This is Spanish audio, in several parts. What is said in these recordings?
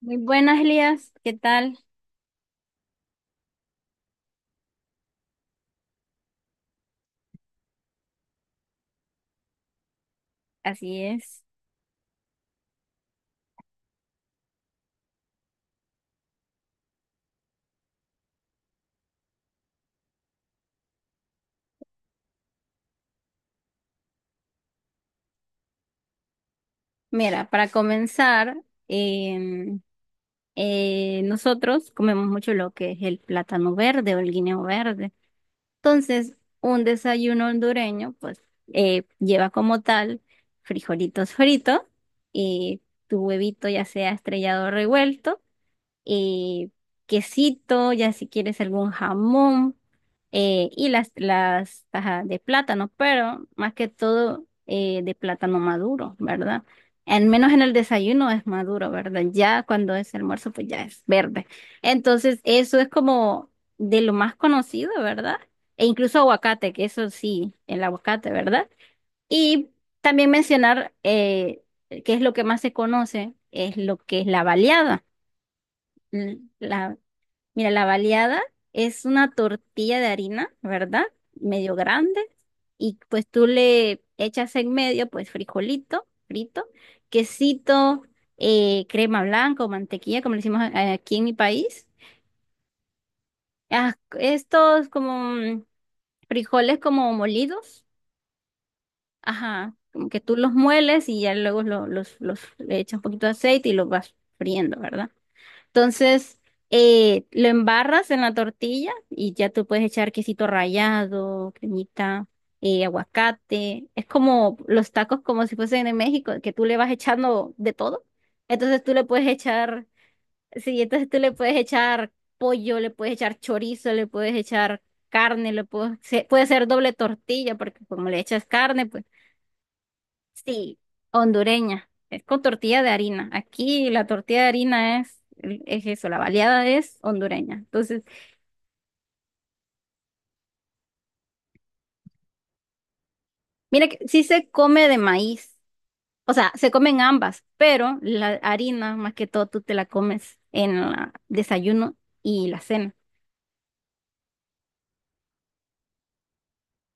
Muy buenas, Elías. ¿Qué tal? Así es. Mira, para comenzar, em, nosotros comemos mucho lo que es el plátano verde o el guineo verde. Entonces, un desayuno hondureño, pues, lleva como tal frijolitos fritos y tu huevito ya sea estrellado o revuelto. eh, Quesito, ya si quieres algún jamón, y las tajas de plátano, pero más que todo, de plátano maduro, ¿verdad? Al menos en el desayuno es maduro, ¿verdad? Ya cuando es almuerzo, pues ya es verde. Entonces, eso es como de lo más conocido, ¿verdad? E incluso aguacate, que eso sí, el aguacate, ¿verdad? Y también mencionar, qué es lo que más se conoce, es lo que es la baleada. La, Mira, la baleada es una tortilla de harina, ¿verdad? Medio grande. Y pues tú le echas en medio, pues frijolito, frito, quesito, crema blanca o mantequilla, como le decimos aquí en mi país. Ah, estos como frijoles como molidos, ajá, como que tú los mueles y ya luego le echas un poquito de aceite y los vas friendo, ¿verdad? Entonces, lo embarras en la tortilla y ya tú puedes echar quesito rallado, cremita, aguacate. Es como los tacos como si fuesen en México, que tú le vas echando de todo. Entonces tú le puedes echar, sí, entonces tú le puedes echar pollo, le puedes echar chorizo, le puedes echar carne, le puedes, puede ser doble tortilla, porque como le echas carne, pues sí, hondureña. Es con tortilla de harina. Aquí la tortilla de harina es eso, la baleada es hondureña. Entonces, mira que sí se come de maíz. O sea, se comen ambas, pero la harina, más que todo, tú te la comes en el desayuno y la cena.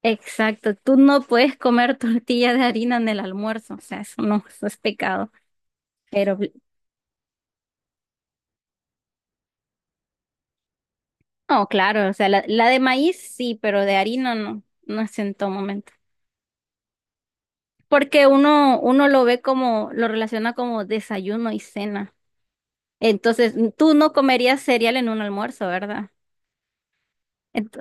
Exacto, tú no puedes comer tortilla de harina en el almuerzo, o sea, eso no, eso es pecado. Pero no, claro, o sea, la de maíz sí, pero de harina no, no es en todo momento. Porque uno, uno lo ve como, lo relaciona como desayuno y cena. Entonces, tú no comerías cereal en un almuerzo, ¿verdad? Ento-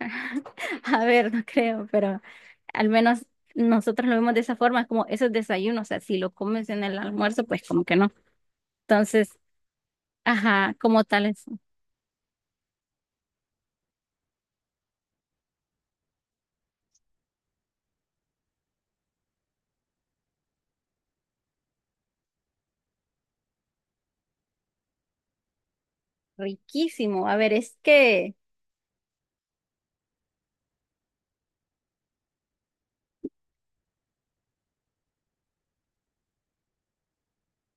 a ver, no creo, pero al menos nosotros lo vemos de esa forma, como eso es desayuno, o sea, si lo comes en el almuerzo, pues como que no. Entonces, ajá, como tal es riquísimo. A ver, es que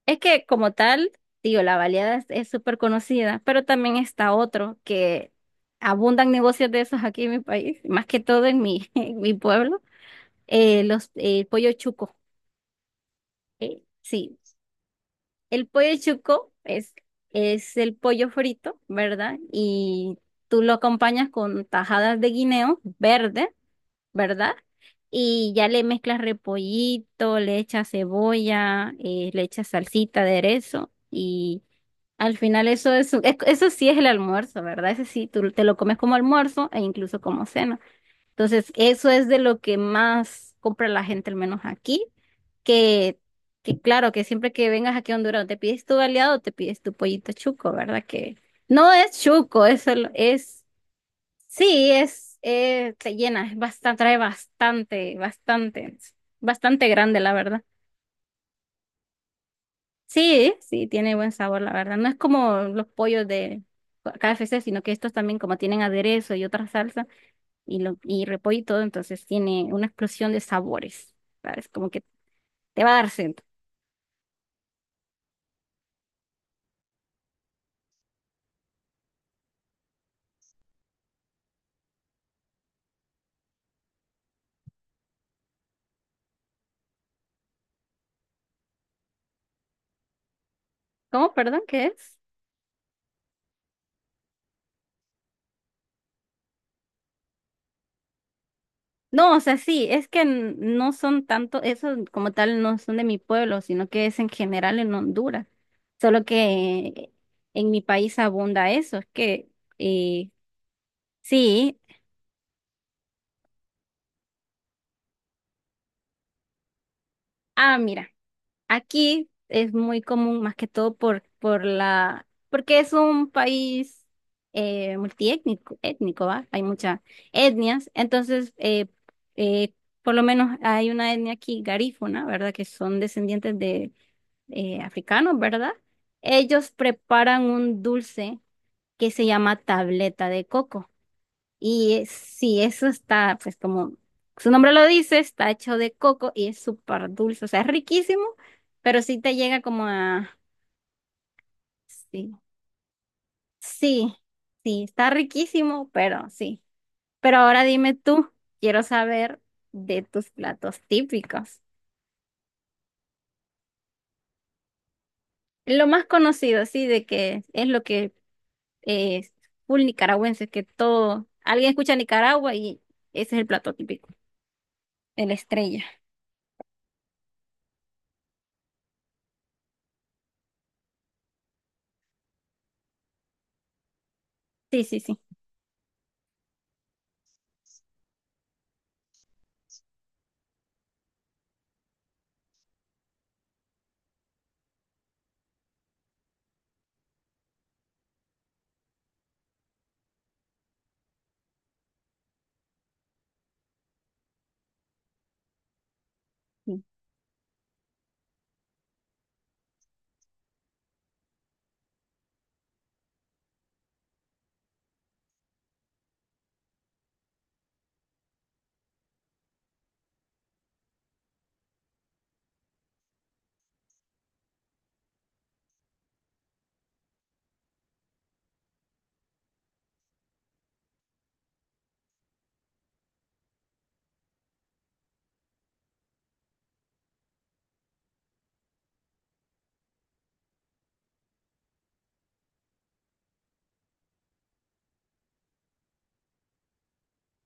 es que como tal, digo, la baleada es súper conocida, pero también está otro que abundan negocios de esos aquí en mi país, más que todo en mi, en mi pueblo, el pollo chuco. Sí, el pollo chuco es el pollo frito, ¿verdad? Y tú lo acompañas con tajadas de guineo verde, ¿verdad? Y ya le mezclas repollito, le echas cebolla, le echas salsita, aderezo y al final eso es, eso sí es el almuerzo, ¿verdad? Ese sí, tú te lo comes como almuerzo e incluso como cena. Entonces, eso es de lo que más compra la gente, al menos aquí, que, que claro, que siempre que vengas aquí a Honduras o te pides tu baleado o te pides tu pollito chuco, ¿verdad? Que no es chuco, eso es, es sí, es, te llena, es trae bastante, bastante, bastante grande, la verdad. Sí, sí, tiene buen sabor, la verdad. No es como los pollos de KFC, sino que estos también como tienen aderezo y otra salsa y, y repollo y todo, entonces tiene una explosión de sabores, ¿sabes? Como que te va a dar sed. ¿Cómo? Perdón, ¿qué es? No, o sea, sí, es que no son tanto, eso como tal no son de mi pueblo, sino que es en general en Honduras. Solo que en mi país abunda eso, es que eh, sí. Ah, mira, aquí es muy común más que todo por la, porque es un país, multiétnico, étnico, ¿va? Hay muchas etnias, entonces eh, por lo menos hay una etnia aquí, garífuna, ¿verdad? Que son descendientes de africanos, ¿verdad? Ellos preparan un dulce que se llama tableta de coco. Y sí, eso está, pues como su nombre lo dice, está hecho de coco y es súper dulce. O sea, es riquísimo, pero sí te llega como a... Sí, sí, sí, está riquísimo, pero sí. Pero ahora dime tú, quiero saber de tus platos típicos. Lo más conocido, sí, de que es lo que eh, full nicaragüenses, que todo, alguien escucha Nicaragua y ese es el plato típico, el estrella. Sí, sí, sí.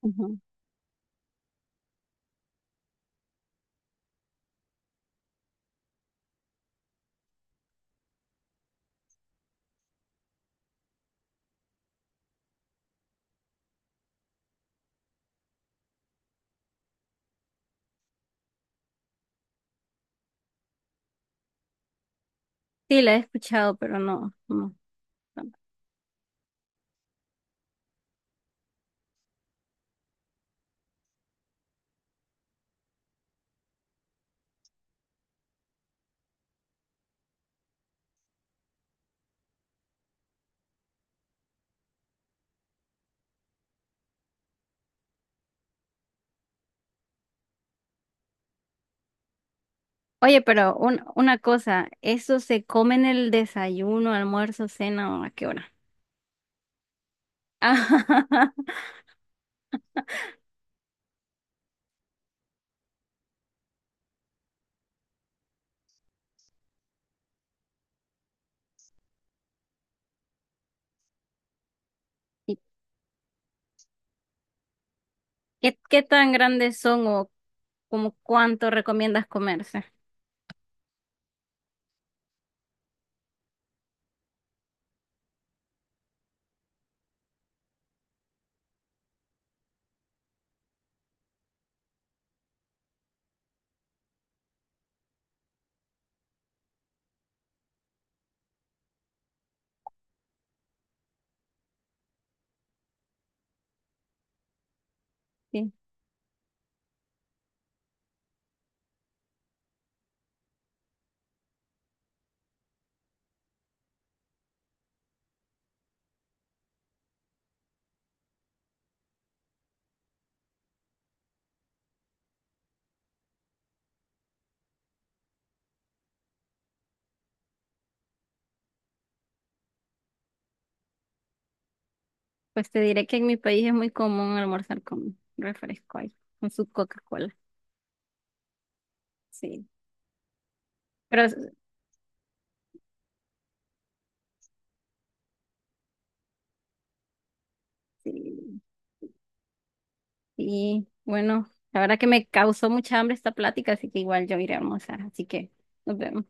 Ujú. Sí, la he escuchado, pero no, no. No. Oye, pero una cosa, ¿eso se come en el desayuno, almuerzo, cena o a qué hora? Ah, ¿y qué tan grandes son o como cuánto recomiendas comerse? Sí, pues te diré que en mi país es muy común almorzar con refresco ahí, con su Coca-Cola. Sí, pero sí, y bueno, la verdad que me causó mucha hambre esta plática, así que igual yo iré a almorzar. Así que nos vemos.